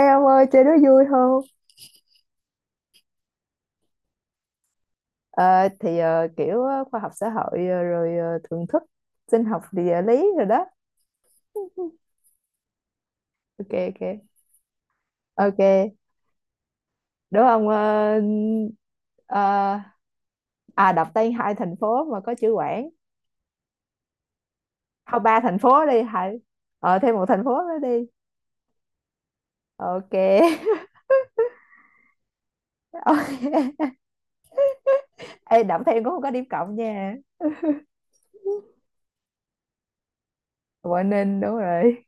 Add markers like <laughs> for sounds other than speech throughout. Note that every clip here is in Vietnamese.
Ê ông ơi chơi đó vui không? Ờ, thì ờ, kiểu ờ, khoa học xã hội, rồi thưởng thức sinh học địa lý rồi đó. Ok, ok, ok, đúng không? Ờ, ờ, đọc tên hai thành phố mà có chữ Quảng. Thôi, ba thành phố đi, hai. Thêm một thành phố nữa đi. Ok. <laughs> Ờ, ê đọc thêm cũng không có điểm cộng nha. Quảng Ninh đúng rồi.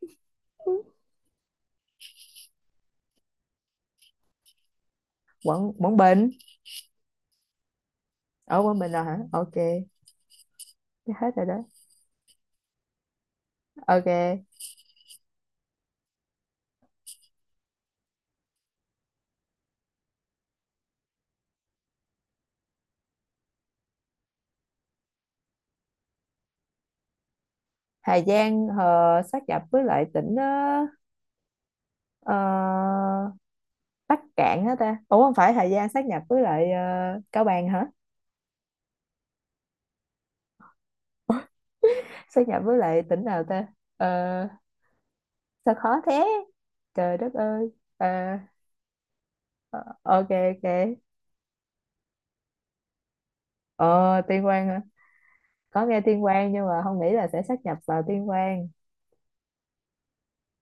Quảng Quảng Bình. Ở Quảng Bình rồi hả? Ok. Hết rồi đó. Ok. Hà Giang sát nhập với lại tỉnh Ờ, Bắc Cạn hả ta? Ủa, không phải. Hà Giang sát nhập với lại Cao Bằng hả? Ủa, <laughs> sát nhập với lại tỉnh nào ta? Ờ, sao khó thế. Trời đất ơi. Ờ, ok, ok. Ờ Tuyên Quang hả? Có nghe Tuyên Quang nhưng mà không nghĩ là sẽ sát nhập vào Tuyên Quang.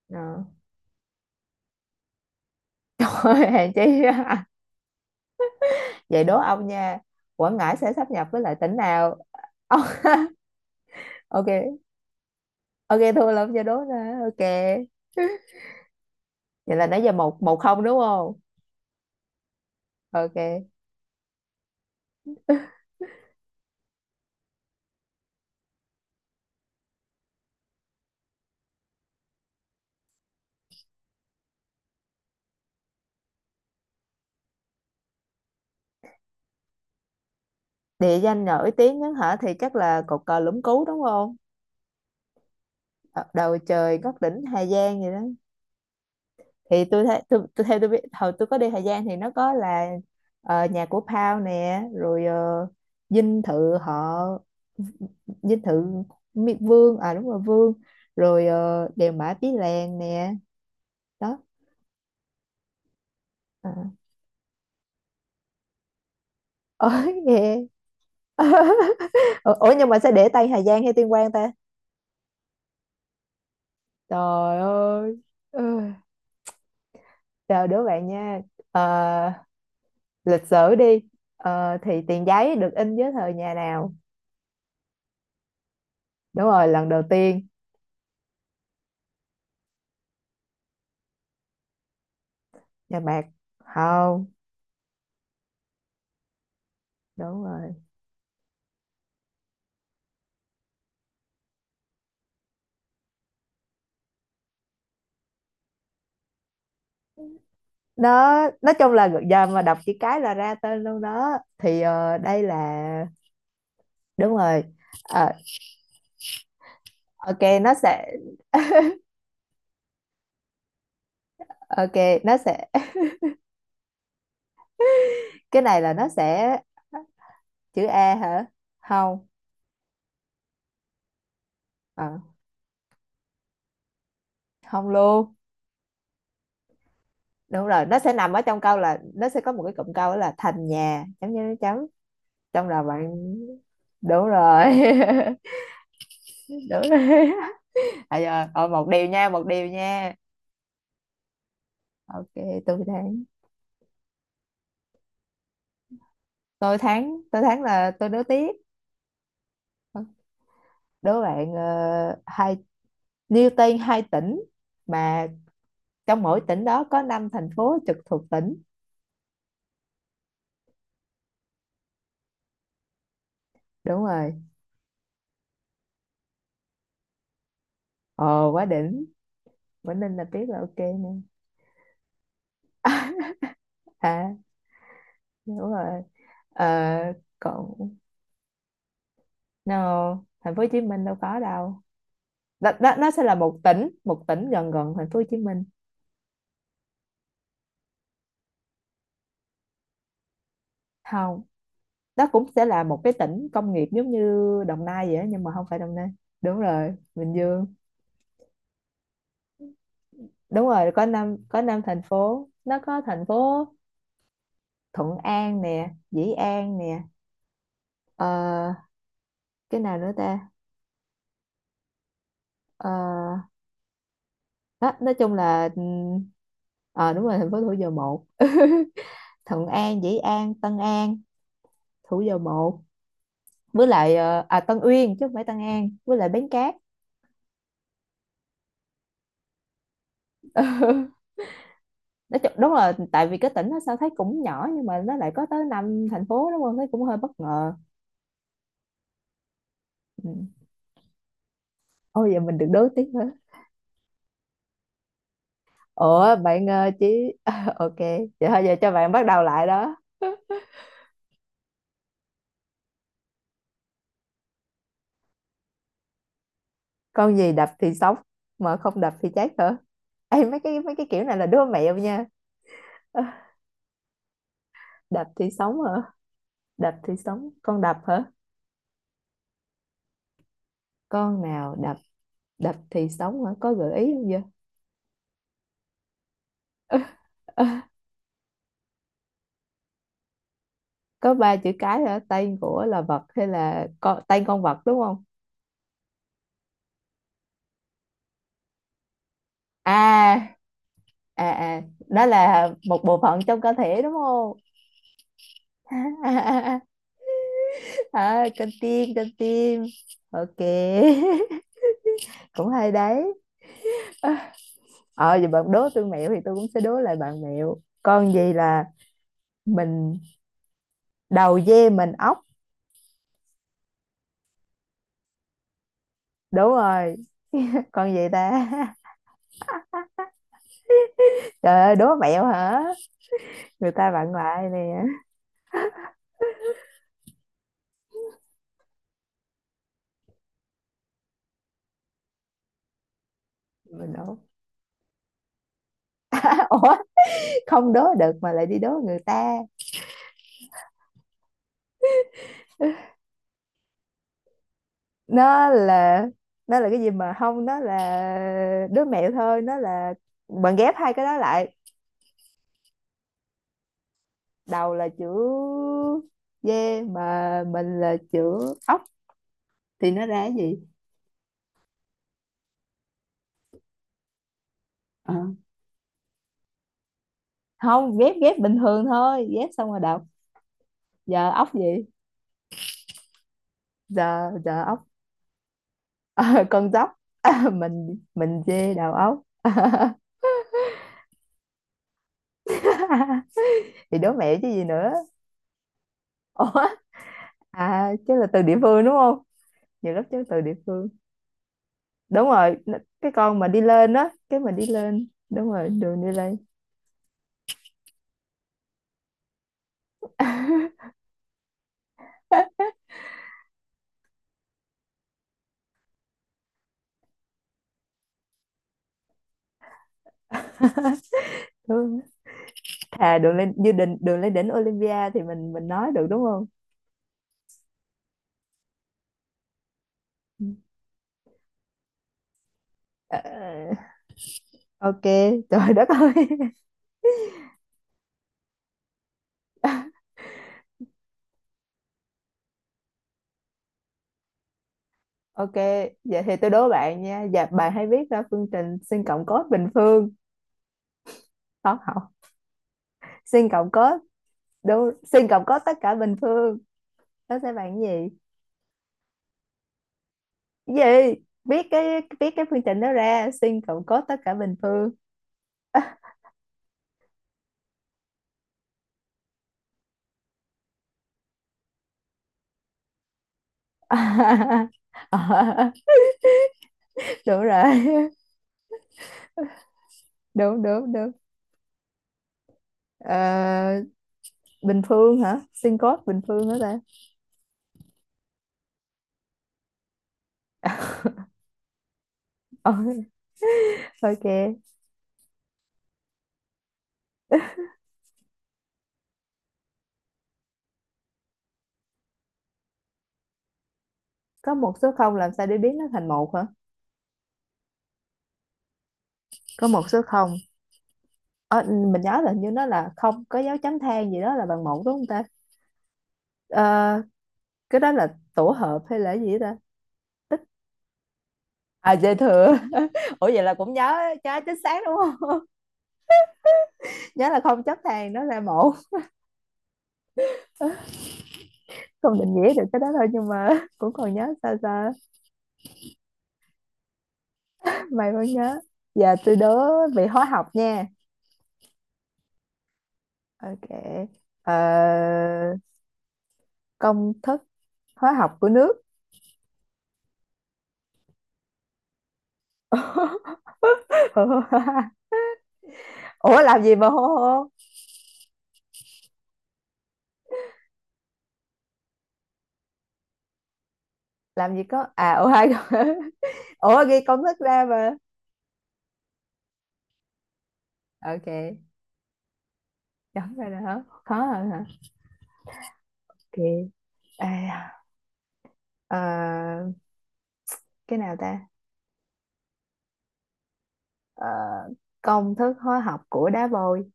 Ờ. <laughs> Thôi hèn chi. <laughs> Vậy đố ông nha. Quảng Ngãi sẽ sát nhập với lại tỉnh nào? Ông- <laughs> ok. Ok, thua lắm cho đố nè. Ok, vậy là nãy giờ 1-1, không đúng không? Ok. Địa danh nổi tiếng nhất hả thì chắc là cột cờ Lũng Cú đúng không? Ờ, "Đầu trời ngất đỉnh Hà Giang" vậy đó. Thì tôi thấy, tôi theo tôi biết hồi tôi có đi Hà Giang thì nó có là nhà của Pao nè, rồi dinh thự họ, dinh thự Vương, à đúng rồi, Vương, rồi đèo Mã Pí Lèng nè, đó. À. Ôi nghe. <laughs> Ủa ủa, nhưng mà sẽ để tay Hà Giang hay Tuyên Quang ta? Trời ơi. Ừ. Chào đứa bạn nha. Ờ, lịch sử đi. Thì tiền giấy được in dưới thời nhà nào? Đúng rồi, lần đầu tiên. Nhà Mạc? Không. Đúng rồi. Nó nói chung là giờ mà đọc chữ cái là ra tên luôn đó, thì đây là. Đúng rồi. Ờ, ok, nó sẽ. Ok, nó sẽ. Cái này là nó sẽ. Chữ A hả? Không. Ờ, không luôn. Đúng rồi, nó sẽ nằm ở trong câu, là nó sẽ có một cái cụm câu đó là thành nhà chấm chấm chấm. Trong là bạn. Đúng rồi. <laughs> Đúng rồi. <laughs> À giờ rồi, một điều nha, một điều nha. Ok. Tôi thắng. Tôi thắng, tôi thắng là tôi đố tiếp. Đố bạn hai, nêu tên hai tỉnh mà trong mỗi tỉnh đó có 5 thành phố trực thuộc tỉnh. Đúng rồi. Ồ, quá đỉnh. Quảng Ninh là biết, là ok nè. À đúng rồi. Ờ, còn no, thành phố Hồ Chí Minh đâu có đâu. Đó, đó, nó sẽ là một tỉnh, một tỉnh gần gần thành phố Hồ Chí Minh. Không, đó cũng sẽ là một cái tỉnh công nghiệp giống như Đồng Nai vậy á, nhưng mà không phải Đồng Nai. Đúng rồi, Bình Dương. Đúng rồi, có năm thành phố, nó có thành phố Thuận An nè, Dĩ An nè, ờ, cái nào nữa ta? ờ, Đó, nói chung là đúng rồi, thành phố Thủ Dầu Một. <laughs> Thuận An, Dĩ An, Tân An, Thủ Dầu Một với lại Tân Uyên, chứ không phải Tân An, với lại Bến Cát. Nói chung đúng là tại vì cái tỉnh nó sao thấy cũng nhỏ nhưng mà nó lại có tới năm thành phố, đúng không, thấy cũng hơi bất ngờ. Ừ. Ôi giờ mình được đối tiếp nữa. Ủa bạn chỉ. <laughs> Ok, vậy thôi giờ cho bạn bắt đầu lại đó. Con gì đập thì sống mà không đập thì chết hả? Ê, mấy cái kiểu này là đứa mẹo nha. Ơ, đập thì sống hả? Đập thì sống, con đập hả? Con nào đập? Đập thì sống hả, có gợi ý không vậy? <laughs> Có ba chữ cái hả, tên của là vật hay là con, tên con vật đúng không? À, à, à, đó là một bộ phận trong cơ thể đúng không? <laughs> À, con tim, con tim. Ok. <laughs> Cũng hay đấy. Ờ Giờ bạn đố tôi mẹo thì tôi cũng sẽ đố lại bạn mẹo. Con gì là mình đầu dê mình ốc? Đúng rồi. Con gì ta? <laughs> Trời ơi, đố mẹo hả, người ta bạn lại nè. Mình đố. <laughs> Ủa, không đố được mà lại đi đố người ta. Nó là, nó là cái gì mà không, nó là đứa mẹo thôi. Nó là bạn ghép hai cái đó lại, đầu là chữ dê mà mình là chữ ốc thì nó ra cái gì. Ờ, không, ghép ghép bình thường thôi, ghép xong rồi đọc. Giờ ốc gì? Giờ, giờ ốc. Ờ, con dốc. <laughs> Mình dê đầu ốc. <laughs> Thì đố mẹo chứ gì nữa. Ủa, à chứ là từ địa phương đúng không, nhiều lúc chứ từ địa phương. Đúng rồi, nó- cái con mà đi lên á, cái mà đi lên, đúng rồi, đường đi lên. <laughs> Đúng rồi. Thà đường lên như đỉnh, đường lên đỉnh Olympia thì mình nói được đúng không. Ừ. Ờ, ok. Trời đất ơi. <laughs> Ok, vậy thì tôi đố bạn nha, dạ bạn hãy viết ra phương trình sin cộng cos bình phương. Không, không, sin cộng cos. Đúng, sin cộng cos tất cả bình phương, nó sẽ bằng cái gì. Cái gì? Viết cái, viết cái phương trình đó ra, sin cộng cos tất cả bình phương. <laughs> Đúng rồi. <laughs> Đúng, đúng, đúng. Ờ, bình phương hả, sin code bình phương hả ta? Ờ, <laughs> ok. Có một số không, làm sao để biến nó thành một hả? Có một số không. Ờ, mình nhớ là hình như nó là không có dấu chấm than gì đó là bằng một đúng không ta. Ờ, cái đó là tổ hợp hay là gì đó. Ta à, dư thừa. <laughs> Ủa vậy là cũng nhớ, nhớ chính xác đúng không. <laughs> Nhớ là không chấm than nó ra một, không định nghĩa được cái đó thôi, nhưng mà <laughs> cũng còn nhớ sao sao. May vẫn nhớ. Giờ tôi đố vị hóa học nha. Ok. Ờ, công thức hóa học của nước. <laughs> Ủa làm gì mà hô hô? Làm gì có, à ủa hai. <laughs> Ủa ghi công thức ra mà. Ok, chấm ra rồi hả? Khó hơn hả? Ok. À, ờ, cái nào ta? Ờ, công thức hóa học của đá vôi.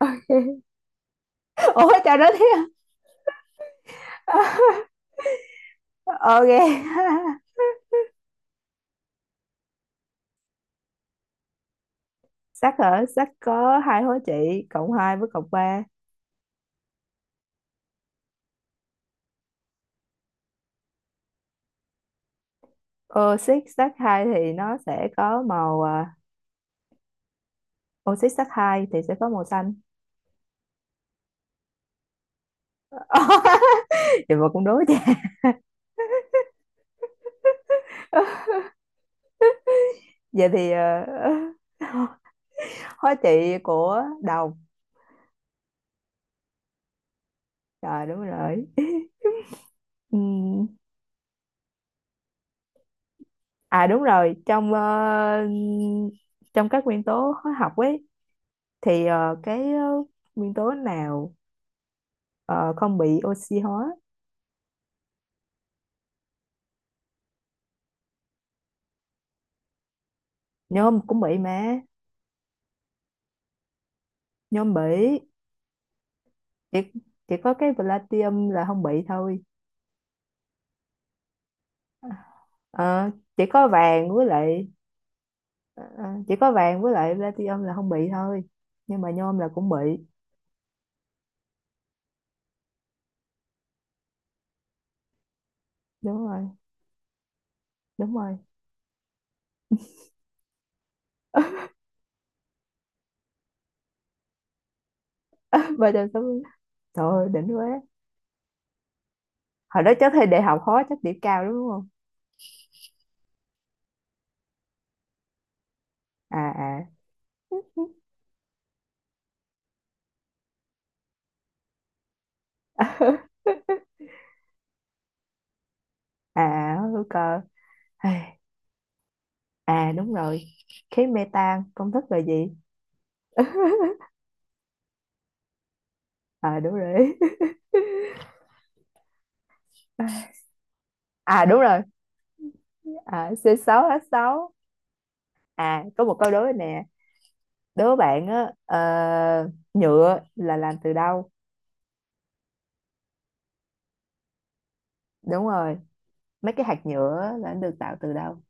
<laughs> Ủa trời đất thiệt. Ok. <laughs> Sắt hả? Sắt có hai hóa trị, cộng 2 với cộng ba. Oxit sắt 2 thì nó sẽ có màu à, oxy sắt 2 thì sẽ có màu xanh. Vậy <laughs> mà cũng đối vậy. Vậy thì hóa trị của đồng. Trời, đúng rồi. Ừm, À đúng rồi. Trong trong các nguyên tố hóa học ấy, thì nguyên tố nào ờ, không bị oxy hóa. Nhôm cũng bị mà. Nhôm bị. Chỉ, chỉ có cái palladium là không bị thôi. Ờ, Chỉ có vàng với lại. À, chỉ có vàng với lại platinum là không bị thôi, nhưng mà nhôm là cũng bị. Đúng rồi, đúng rồi. <laughs> 360. Trời ơi đỉnh quá. Hồi đó chắc thi đại học khó, chắc điểm cao đúng không? À, à. <laughs> À hữu cơ. À, à đúng rồi, khí metan công thức là gì? À đúng rồi. <laughs> À đúng rồi, à, C6H6. À có một câu đố nè, đố bạn á, nhựa là làm từ đâu. Đúng rồi, mấy cái hạt nhựa là nó được tạo từ đâu.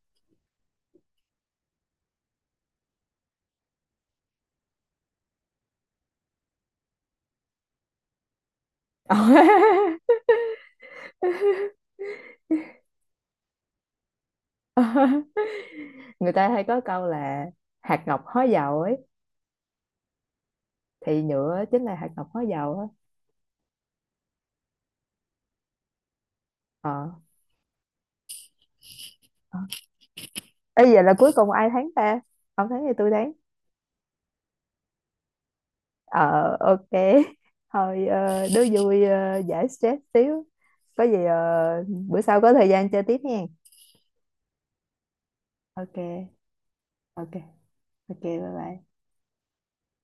<laughs> Người ta hay có câu là hạt ngọc hóa dầu ấy, thì nhựa chính là hạt ngọc hóa dầu á. Ờ. Ê, vậy là cuối cùng ai thắng ta? Ông thắng thì tôi thắng. Ờ ok. <laughs> Thôi đố vui giải stress xíu. Có gì bữa sau có thời gian chơi tiếp nha. Ok. Ok. Ok, bye bye.